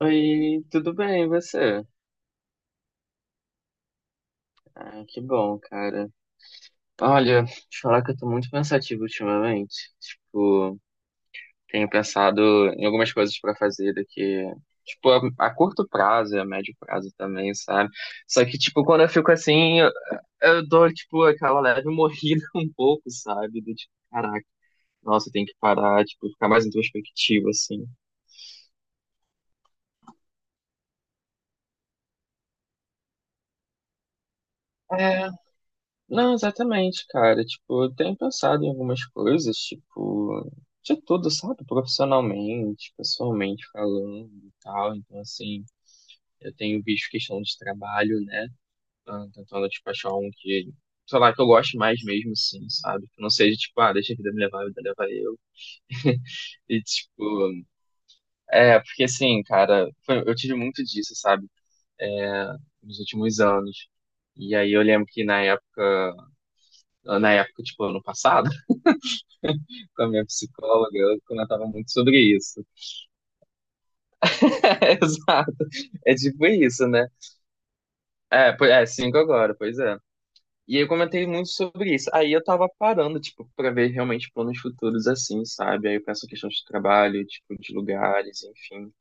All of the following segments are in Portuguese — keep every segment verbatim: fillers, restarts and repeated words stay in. Oi, tudo bem, e você? Ah, que bom, cara. Olha, te falar que eu tô muito pensativo ultimamente. Tipo, tenho pensado em algumas coisas pra fazer daqui, tipo, a, a curto prazo e a médio prazo também, sabe? Só que, tipo, quando eu fico assim, eu, eu, dou, tipo, aquela leve morrida um pouco, sabe? Do tipo, caraca, nossa, tem que parar, tipo, ficar mais introspectivo, assim. Não, exatamente, cara. Tipo, eu tenho pensado em algumas coisas, tipo, de tudo, sabe? Profissionalmente, pessoalmente falando e tal. Então, assim, eu tenho visto questão de trabalho, né? Ah, tentando, tipo, achar um que, sei lá, que eu goste mais mesmo, assim, sabe? Que não seja, tipo, ah, deixa a vida me levar, a vida leva eu. E, tipo, é, porque, assim, cara, foi- eu tive muito disso, sabe? É, nos últimos anos. E aí eu lembro que na época, na época, tipo, ano passado, com a minha psicóloga, eu comentava muito sobre isso. É, exato. É tipo isso, né? É, po- é, cinco agora, pois é. E eu comentei muito sobre isso. Aí eu tava parando, tipo, pra ver realmente planos futuros assim, sabe? Aí eu penso em questões de trabalho, tipo, de lugares, enfim.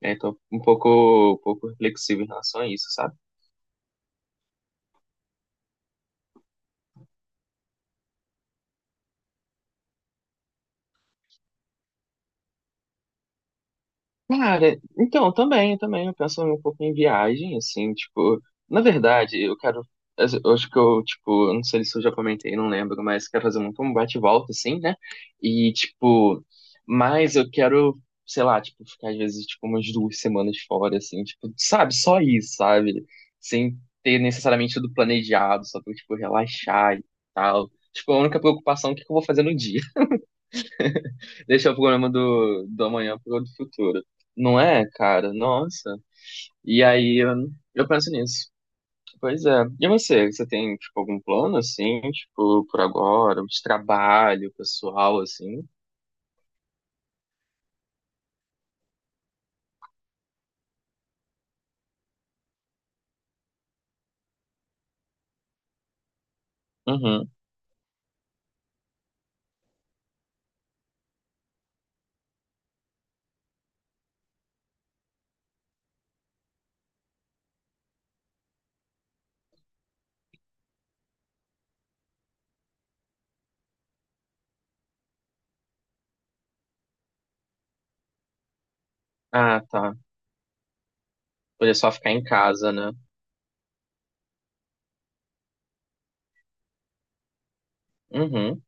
É, tô um pouco, um pouco reflexivo em relação a isso, sabe? Cara, então, também, também, eu penso um pouco em viagem, assim, tipo, na verdade, eu quero, eu acho que eu, tipo, eu não sei se eu já comentei, não lembro, mas quero fazer muito um bate e volta, assim, né, e, tipo, mas eu quero, sei lá, tipo, ficar, às vezes, tipo, umas duas semanas fora, assim, tipo, sabe, só isso, sabe, sem ter necessariamente tudo planejado, só pra, tipo, relaxar e tal, tipo, a única preocupação é o que que eu vou fazer no dia. Deixar o programa do, do amanhã pro do futuro. Não é, cara? Nossa. E aí eu, eu penso nisso. Pois é. E você? Você tem, tipo, algum plano, assim, tipo, por agora? De trabalho, pessoal, assim? Uhum. Ah, tá. Poder só ficar em casa, né? Uhum.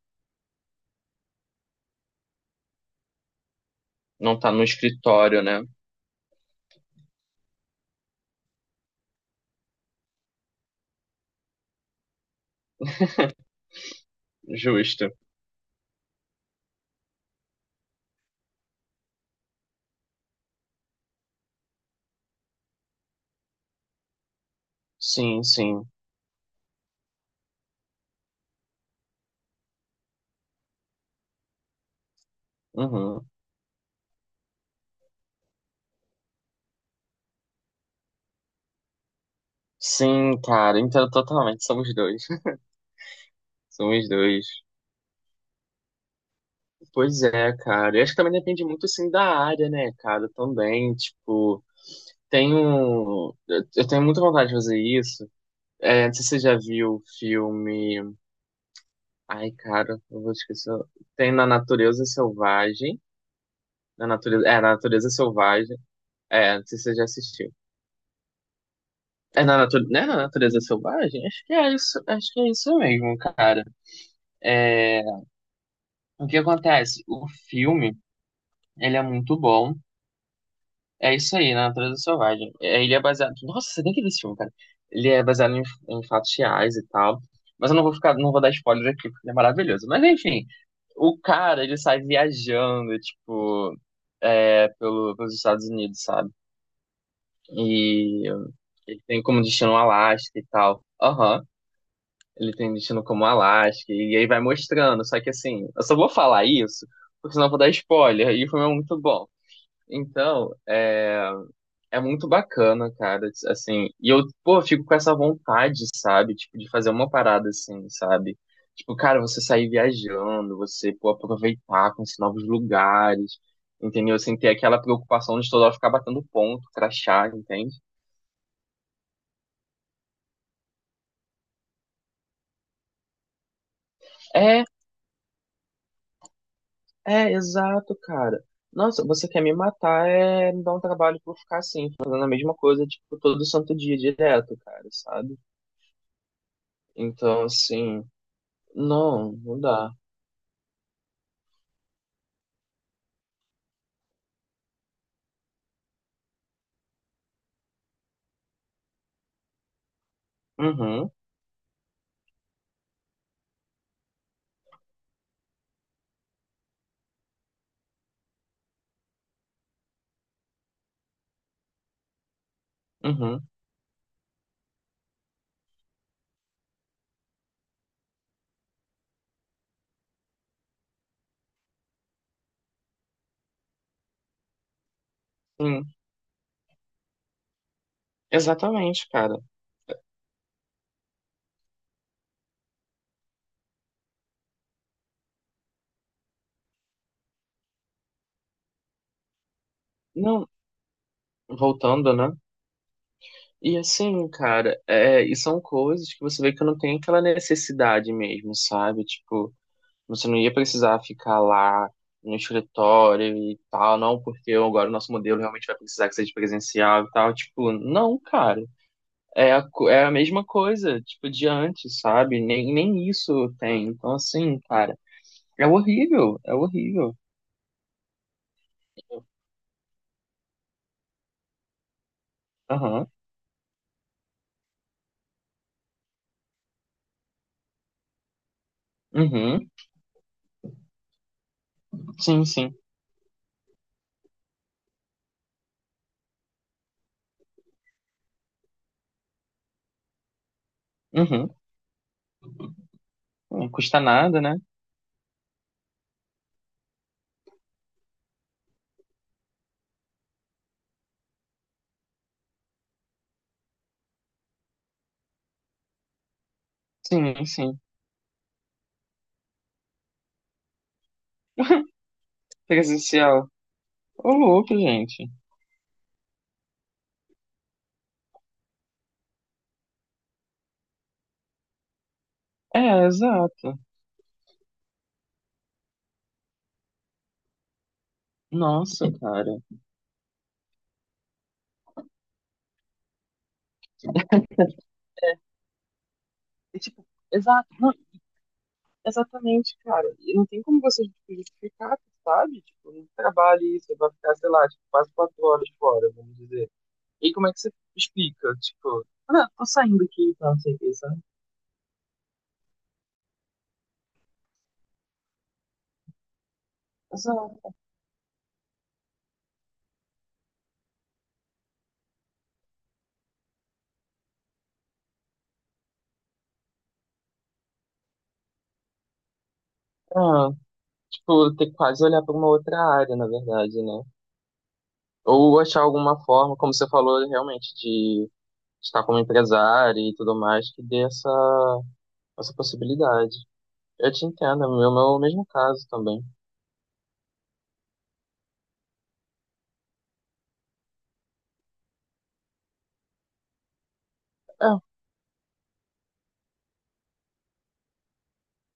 Não tá no escritório, né? Justo. Sim, sim. Uhum. Sim, cara, entendo totalmente. Somos dois. Somos dois. Pois é, cara. E acho que também depende muito, assim, da área, né, cara? Também, tipo, tenho. Eu eu tenho muita vontade de fazer isso. É, não sei se você já viu o filme. Ai, cara, eu vou esquecer. Tem Na Natureza Selvagem. Na Natureza. É, Na Natureza Selvagem. É, não sei se você já assistiu. É na natureza, não é na natureza selvagem? Acho que é isso, acho que é isso mesmo, cara. É, o que acontece? O filme, ele é muito bom. É isso aí, Na Natureza Selvagem. É, ele é baseado. Nossa, você tem que ver esse filme, cara. Ele é baseado em, em fatos reais e tal. Mas eu não vou ficar, não vou dar spoiler aqui, porque ele é maravilhoso. Mas enfim, o cara, ele sai viajando, tipo, é, pelo, pelos Estados Unidos, sabe? E ele tem como destino o Alasca e tal. Aham. Ele tem destino como Alasca. E aí vai mostrando. Só que assim, eu só vou falar isso, porque senão eu vou dar spoiler. E o filme é muito bom. Então, é. É muito bacana, cara, assim, e eu, pô, fico com essa vontade, sabe, tipo, de fazer uma parada assim, sabe? Tipo, cara, você sair viajando, você, pô, aproveitar, conhecer novos lugares, entendeu? Sem ter aquela preocupação de toda hora ficar batendo ponto, crachá, entende? É, é, exato, cara. Nossa, você quer me matar, é me dar um trabalho pra eu ficar assim, fazendo a mesma coisa, tipo, todo santo dia, direto, cara, sabe? Então, assim, não, não dá. Uhum, uhum, sim. Exatamente, cara. Não, voltando, né? E assim, cara, é, e são coisas que você vê que não tem aquela necessidade mesmo, sabe? Tipo, você não ia precisar ficar lá no escritório e tal, não, porque agora o nosso modelo realmente vai precisar que seja presencial e tal. Tipo, não, cara. É a, co- é a mesma coisa, tipo, de antes, sabe? Nem, nem isso tem. Então, assim, cara, é horrível, é horrível. Aham. Uhum. Sim, sim. Uhum. Não custa nada, né? Sim, sim. Presencial. Ô, louco, gente. É, exato. Nossa, cara. E, tipo, exato, não, exatamente, cara. E não tem como você tipo, justificar, sabe? Tipo, não trabalha isso, você vai ficar, sei lá, tipo, quase quatro horas fora, vamos dizer. E como é que você explica? Tipo, ah, tô saindo aqui, então, não sei o que, sabe? Exato. Ah, tipo, ter que quase olhar pra uma outra área, na verdade, né? Ou achar alguma forma, como você falou, realmente, de estar como empresário e tudo mais, que dê essa, essa possibilidade. Eu te entendo, é o meu, meu mesmo caso também. É,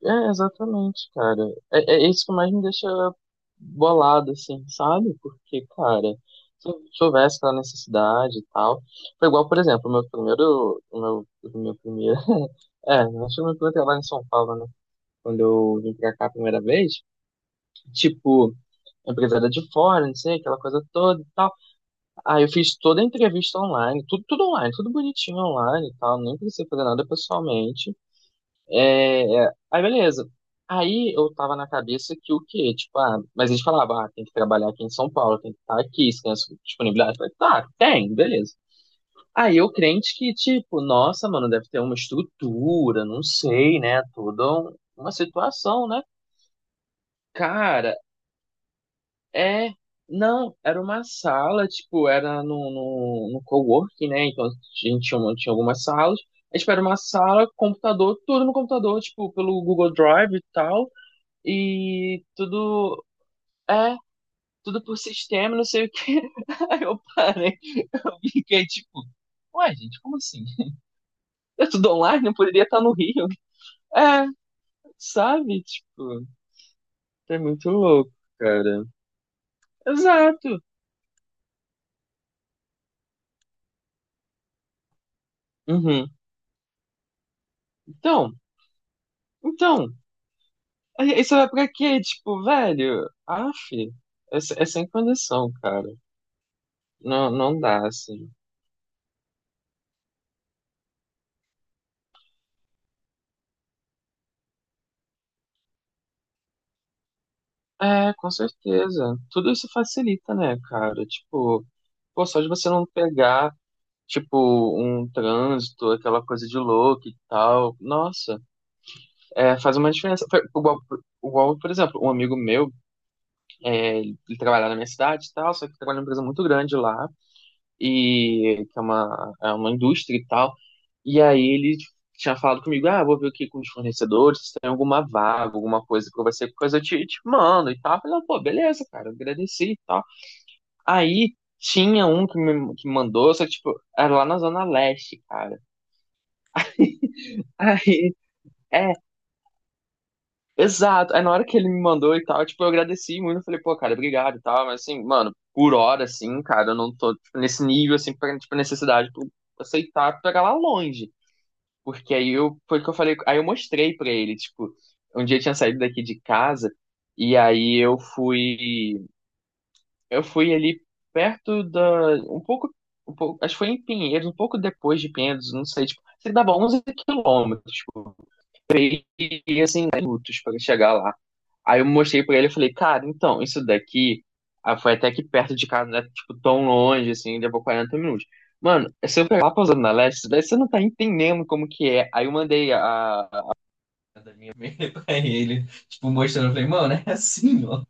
é exatamente, cara. É, é isso que mais me deixa bolado, assim, sabe? Porque, cara, se eu tivesse aquela necessidade e tal. Foi igual, por exemplo, o meu primeiro. O meu, o meu primeiro. É, acho que o meu primeiro trabalho em São Paulo, né? Quando eu vim pra cá a primeira vez, tipo, a empresa era de fora, não sei, aquela coisa toda e tal. Ah, eu fiz toda a entrevista online, tudo, tudo online, tudo bonitinho online e tal, nem precisei fazer nada pessoalmente. É, é, Aí, beleza. Aí eu tava na cabeça que o quê? Tipo, ah, mas eles falavam, ah, tem que trabalhar aqui em São Paulo, tem que estar aqui, se tem essa disponibilidade. Eu falei, tá, tem, beleza. Aí eu crente que, tipo, nossa, mano, deve ter uma estrutura, não sei, né? Toda um- uma situação, né? Cara, é, não, era uma sala, tipo, era no, no, no coworking, né? Então a gente tinha, uma- tinha algumas salas. A gente era uma sala, computador, tudo no computador, tipo, pelo Google Drive e tal. E tudo, é, tudo por sistema, não sei o quê. Aí eu parei, eu fiquei tipo, ué, gente, como assim? É tudo online, não poderia estar no Rio. É, sabe? Tipo, é muito louco, cara. Exato. Uhum. Então, então. Aí isso é pra quê? Tipo, velho, af, é, se- é sem condição, cara. Não, não dá, assim. É, com certeza. Tudo isso facilita, né, cara? Tipo, pô, só de você não pegar, tipo, um trânsito, aquela coisa de louco e tal. Nossa, é, faz uma diferença. Foi igual, igual, por exemplo, um amigo meu, é, ele trabalha na minha cidade e tal, só que trabalha numa empresa muito grande lá e que é uma, é uma indústria e tal. E aí ele tinha falado comigo, ah, vou ver aqui com os fornecedores, se tem alguma vaga, alguma coisa que vai ser coisa, eu te, te mando e tal. Eu falei, "Ah, pô, beleza, cara, agradeci e tal. Aí tinha um que me que mandou, só que, tipo, era lá na Zona Leste, cara. Aí, é, exato. Aí na hora que ele me mandou e tal, tipo, eu agradeci muito, eu falei, pô, cara, obrigado e tal, mas assim, mano, por hora, assim, cara, eu não tô, tipo, nesse nível, assim, pra, tipo, necessidade, pra aceitar pegar lá longe. Porque aí eu, foi o que eu falei, aí eu mostrei pra ele, tipo, um dia eu tinha saído daqui de casa e aí eu fui, eu fui ali perto da, um pouco, um pouco, acho que foi em Pinheiros, um pouco depois de Pinheiros, não sei, tipo, sei que dava onze quilômetros, tipo, e minutos pra chegar lá. Aí eu mostrei pra ele, eu falei, cara, então, isso daqui, ah, foi até aqui perto de casa, não é, tipo, tão longe, assim, levou quarenta minutos. Mano, se eu pegar lá na Zona Leste, daí você não tá entendendo como que é. Aí eu mandei a, da minha amiga pra ele, tipo, mostrando, eu falei, mano, é assim, ó.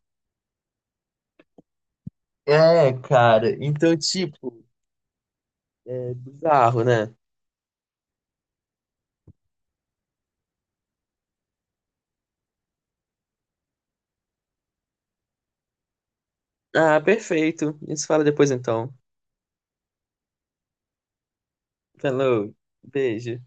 É, cara. Então, tipo, é bizarro, né? Ah, perfeito. A gente se fala depois então. Falou. Beijo.